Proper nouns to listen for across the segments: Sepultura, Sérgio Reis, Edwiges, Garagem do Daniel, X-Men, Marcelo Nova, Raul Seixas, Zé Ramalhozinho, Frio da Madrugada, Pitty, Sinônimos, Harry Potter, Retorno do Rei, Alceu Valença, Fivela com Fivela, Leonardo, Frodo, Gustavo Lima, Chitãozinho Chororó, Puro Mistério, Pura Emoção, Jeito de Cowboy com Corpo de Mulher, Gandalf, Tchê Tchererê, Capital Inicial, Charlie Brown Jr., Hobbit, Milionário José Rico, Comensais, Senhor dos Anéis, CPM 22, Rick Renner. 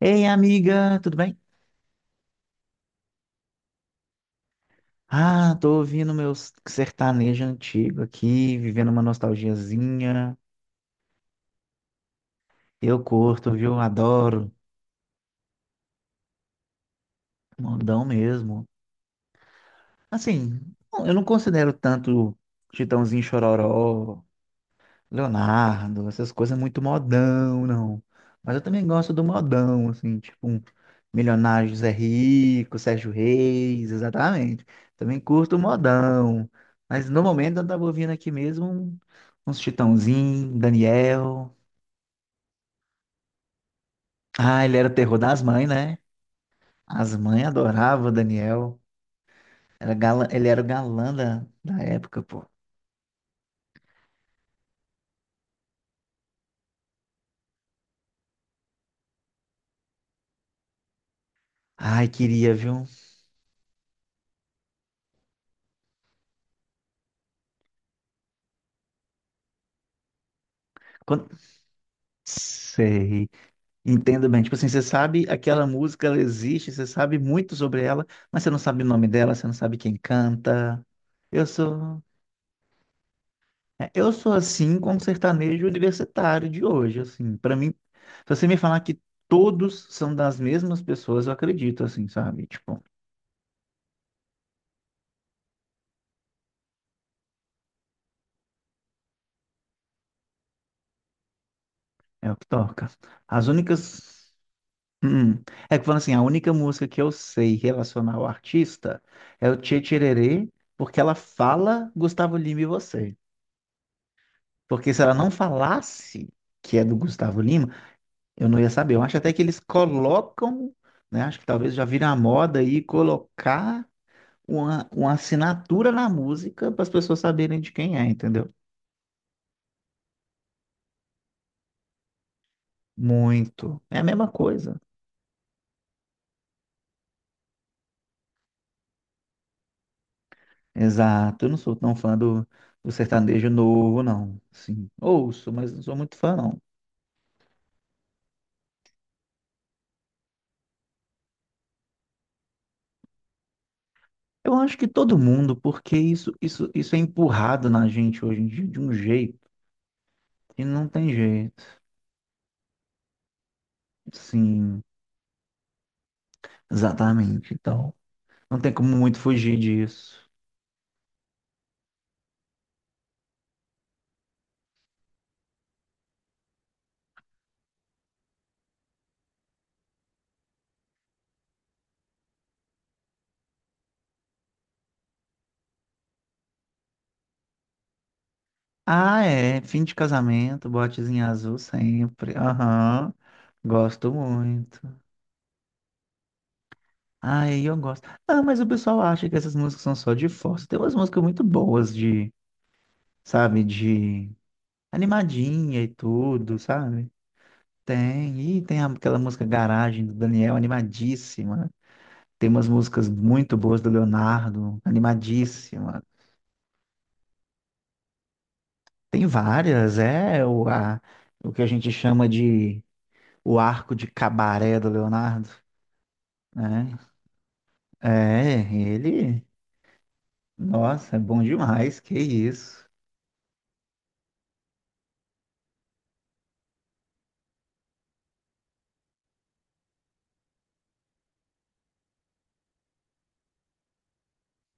Ei, amiga, tudo bem? Ah, tô ouvindo meus sertanejo antigo aqui, vivendo uma nostalgiazinha. Eu curto, viu? Adoro. Modão mesmo. Assim, eu não considero tanto Chitãozinho Chororó, Leonardo, essas coisas é muito modão, não. Mas eu também gosto do modão, assim, tipo um Milionário José Rico, Sérgio Reis, exatamente. Também curto o modão. Mas no momento eu tava ouvindo aqui mesmo uns Chitãozinho, Daniel. Ah, ele era o terror das mães, né? As mães adoravam o Daniel. Ele era o galã da época, pô. Ai, queria, viu? Quando... Sei. Entendo bem. Tipo assim, você sabe aquela música, ela existe, você sabe muito sobre ela, mas você não sabe o nome dela, você não sabe quem canta. Eu sou, eu sou assim com o sertanejo universitário de hoje, assim. Para mim, se você me falar que todos são das mesmas pessoas, eu acredito, assim, sabe? Tipo, é o que toca. As únicas. Hum. É que falando assim, a única música que eu sei relacionar ao artista é o Tchê Tchererê, porque ela fala Gustavo Lima e você. Porque se ela não falasse que é do Gustavo Lima, eu não ia saber. Eu acho até que eles colocam, né? Acho que talvez já vira a moda aí colocar uma assinatura na música para as pessoas saberem de quem é, entendeu? Muito. É a mesma coisa. Exato. Eu não sou tão fã do sertanejo novo, não. Sim, ouço, mas não sou muito fã, não. Eu acho que todo mundo, porque isso é empurrado na gente hoje em dia de um jeito que não tem jeito. Sim, exatamente. Então, não tem como muito fugir disso. Ah, é. Fim de casamento, botezinho azul sempre. Aham. Gosto muito. Ai, eu gosto. Ah, mas o pessoal acha que essas músicas são só de força. Tem umas músicas muito boas de, sabe, de animadinha e tudo, sabe? Tem. E tem aquela música Garagem do Daniel, animadíssima. Tem umas músicas muito boas do Leonardo, animadíssimas. Tem várias, é o que a gente chama de o arco de cabaré do Leonardo, né? É, ele, nossa, é bom demais, que isso.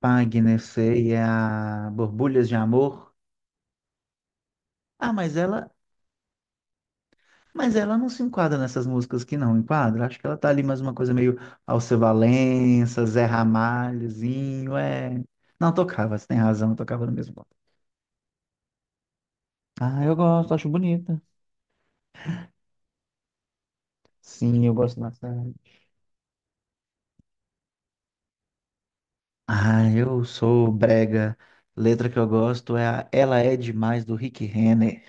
Pagnecei a Borbulhas de Amor. Ah, mas ela não se enquadra nessas músicas que não enquadra. Acho que ela tá ali mais uma coisa meio Alceu Valença, Zé Ramalhozinho, é. Não tocava, você tem razão, tocava no mesmo lugar. Ah, eu gosto, acho bonita. Sim, eu gosto bastante. Ah, eu sou brega. Letra que eu gosto é a Ela é Demais do Rick Renner.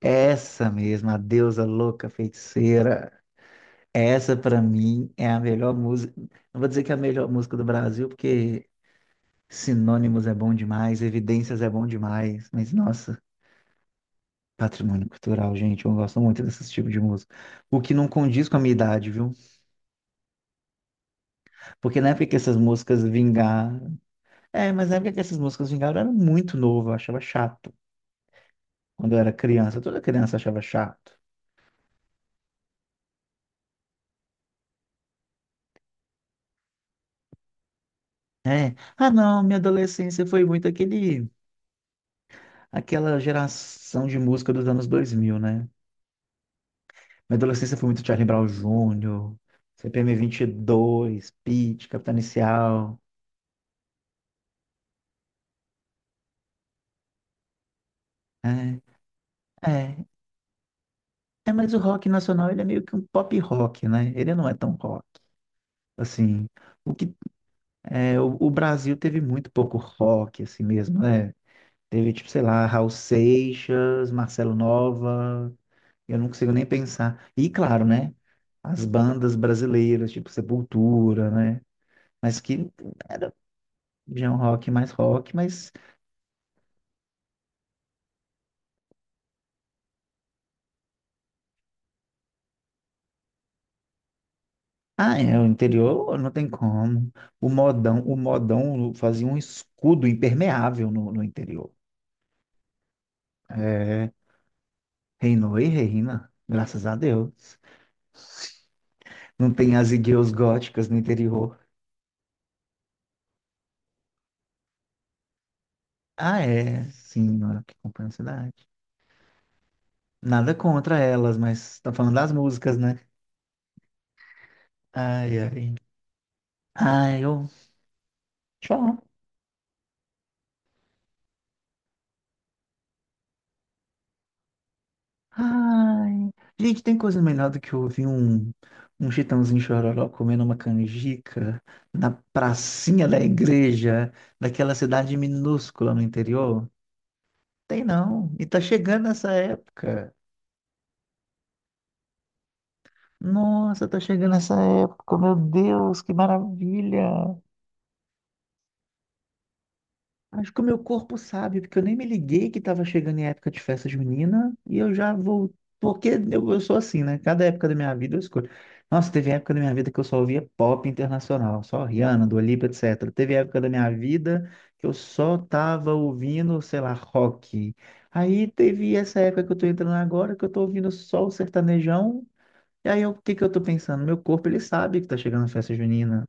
Essa mesma, a deusa louca feiticeira. Essa pra mim é a melhor música. Não vou dizer que é a melhor música do Brasil, porque Sinônimos é bom demais, Evidências é bom demais, mas nossa, patrimônio cultural, gente, eu gosto muito desse tipo de música. O que não condiz com a minha idade, viu? Porque na época que essas músicas vingaram. É, mas na época que essas músicas vingaram, eu era muito novo, eu achava chato. Quando eu era criança. Toda criança achava chato. Ah, não, minha adolescência foi muito aquele, aquela geração de música dos anos 2000, né? Minha adolescência foi muito Charlie Brown Jr., CPM 22, Pitty, Capital Inicial. É, é, é, mas o rock nacional, ele é meio que um pop rock, né? Ele não é tão rock. Assim, o que é, o Brasil teve muito pouco rock, assim mesmo, né? Teve, tipo, sei lá, Raul Seixas, Marcelo Nova, eu não consigo nem pensar. E claro, né? As bandas brasileiras, tipo Sepultura, né? Mas que era já é um rock mais rock, mas ah, é, o interior não tem como. O modão fazia um escudo impermeável no interior. É, reinou e reina, graças a Deus. Não tem as igrejas góticas no interior. Ah, é, sim, olha que acompanha a cidade. Nada contra elas, mas tá falando das músicas, né? Ai, ai. Ai, eu. Tchau. Ai, gente, tem coisa melhor do que ouvir um Chitãozinho Chororó comendo uma canjica na pracinha da igreja, daquela cidade minúscula no interior? Tem não. E tá chegando essa época. Nossa, tá chegando essa época. Meu Deus, que maravilha! Acho que o meu corpo sabe, porque eu nem me liguei que estava chegando em época de festa junina e eu já vou. Porque eu sou assim, né? Cada época da minha vida eu escolho. Nossa, teve época da minha vida que eu só ouvia pop internacional, só Rihanna, Dua Lipa, etc. Teve época da minha vida que eu só tava ouvindo, sei lá, rock. Aí teve essa época que eu tô entrando agora que eu tô ouvindo só o sertanejão. E o que que eu tô pensando? Meu corpo, ele sabe que tá chegando a festa junina.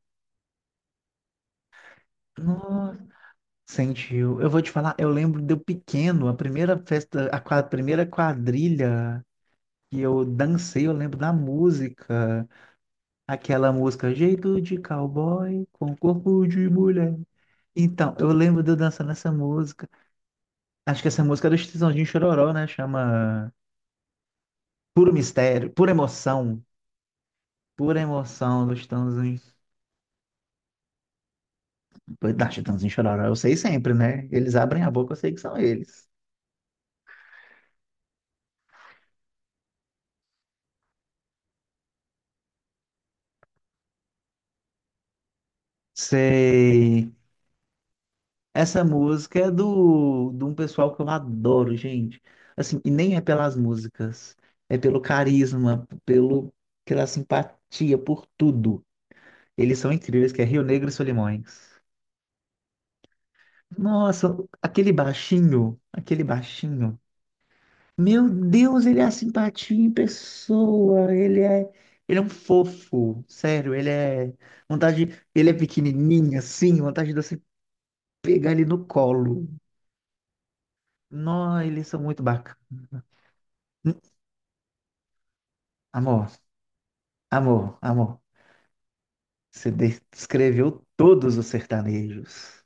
Sentiu. Eu vou te falar, eu lembro de eu pequeno, a primeira festa, a primeira quadrilha que eu dancei, eu lembro da música, aquela música Jeito de Cowboy com Corpo de Mulher. Então, eu lembro de eu dançando essa música. Acho que essa música era do Chitãozinho Chororó, né? Chama Puro Mistério, Pura Emoção, Pura Emoção do Chitãozinho, da Chitãozinho Chororó. Eu sei sempre, né? Eles abrem a boca, eu sei que são eles. Sei. Essa música é de um pessoal que eu adoro, gente. Assim, e nem é pelas músicas, é pelo carisma, pelo, pela simpatia, por tudo. Eles são incríveis, que é Rio Negro e Solimões. Nossa, aquele baixinho, aquele baixinho. Meu Deus, ele é a simpatia em pessoa, ele é um fofo, sério, ele é vontade, ele é pequenininho assim, vontade de você pegar ele no colo. Nó, eles são muito bacanas. Amor, amor, amor. Você descreveu todos os sertanejos.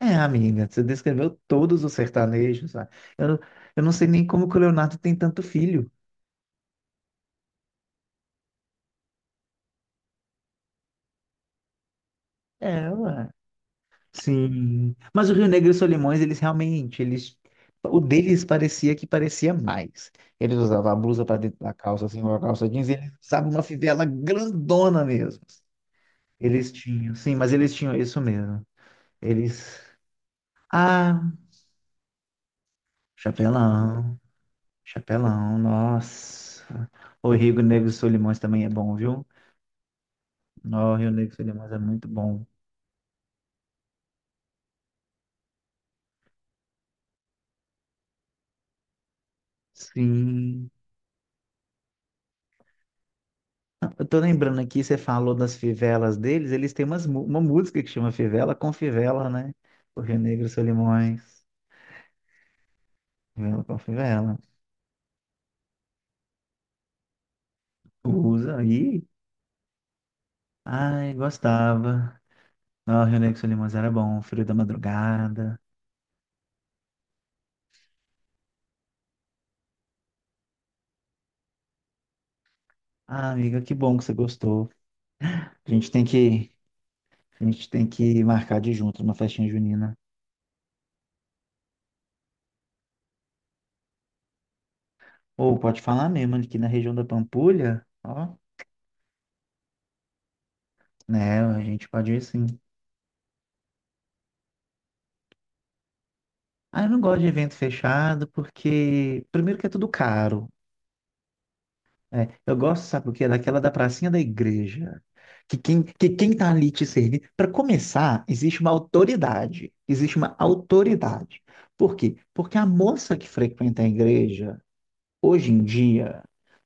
É, amiga, você descreveu todos os sertanejos, ué. Eu, eu não sei nem como que o Leonardo tem tanto filho. É, ué. Sim. Mas o Rio Negro e os Solimões, eles realmente, eles, o deles parecia que parecia mais. Eles usavam a blusa para dentro da calça, assim, uma calça jeans, e eles usavam uma fivela grandona mesmo. Eles tinham, sim, mas eles tinham isso mesmo. Eles. Ah, chapelão. Chapelão, nossa. O Rio Negro e Solimões também é bom, viu? No, o Rio Negro e Solimões é muito bom. Sim. Eu tô lembrando aqui, você falou das fivelas deles, eles têm umas, uma música que chama Fivela com Fivela, né? O Rio Negro e Solimões. Fivela com Fivela. Usa aí. Ai, gostava. No, o Rio Negro e Solimões era bom, Frio da Madrugada. Ah, amiga, que bom que você gostou. A gente tem que, a gente tem que marcar de junto uma festinha junina. Ou pode falar mesmo, aqui na região da Pampulha, ó, né, a gente pode ir sim. Ah, eu não gosto de evento fechado porque, primeiro que é tudo caro, né? Eu gosto, sabe o quê? Daquela da pracinha da igreja, que quem tá ali te servindo, para começar, existe uma autoridade, existe uma autoridade. Por quê? Porque a moça que frequenta a igreja, hoje em dia,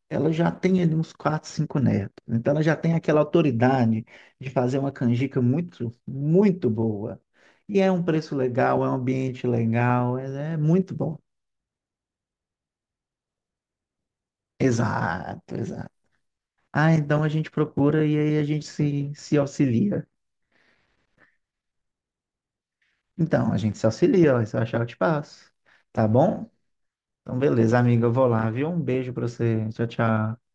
ela já tem ali uns quatro, cinco netos. Então ela já tem aquela autoridade de fazer uma canjica muito, muito boa. E é um preço legal, é um ambiente legal, é muito bom. Exato, exato. Ah, então a gente procura e aí a gente se, se auxilia. Então, a gente se auxilia, ó, se eu achar eu te passo. Tá bom? Então, beleza, amiga, eu vou lá, viu? Um beijo pra você. Tchau, tchau.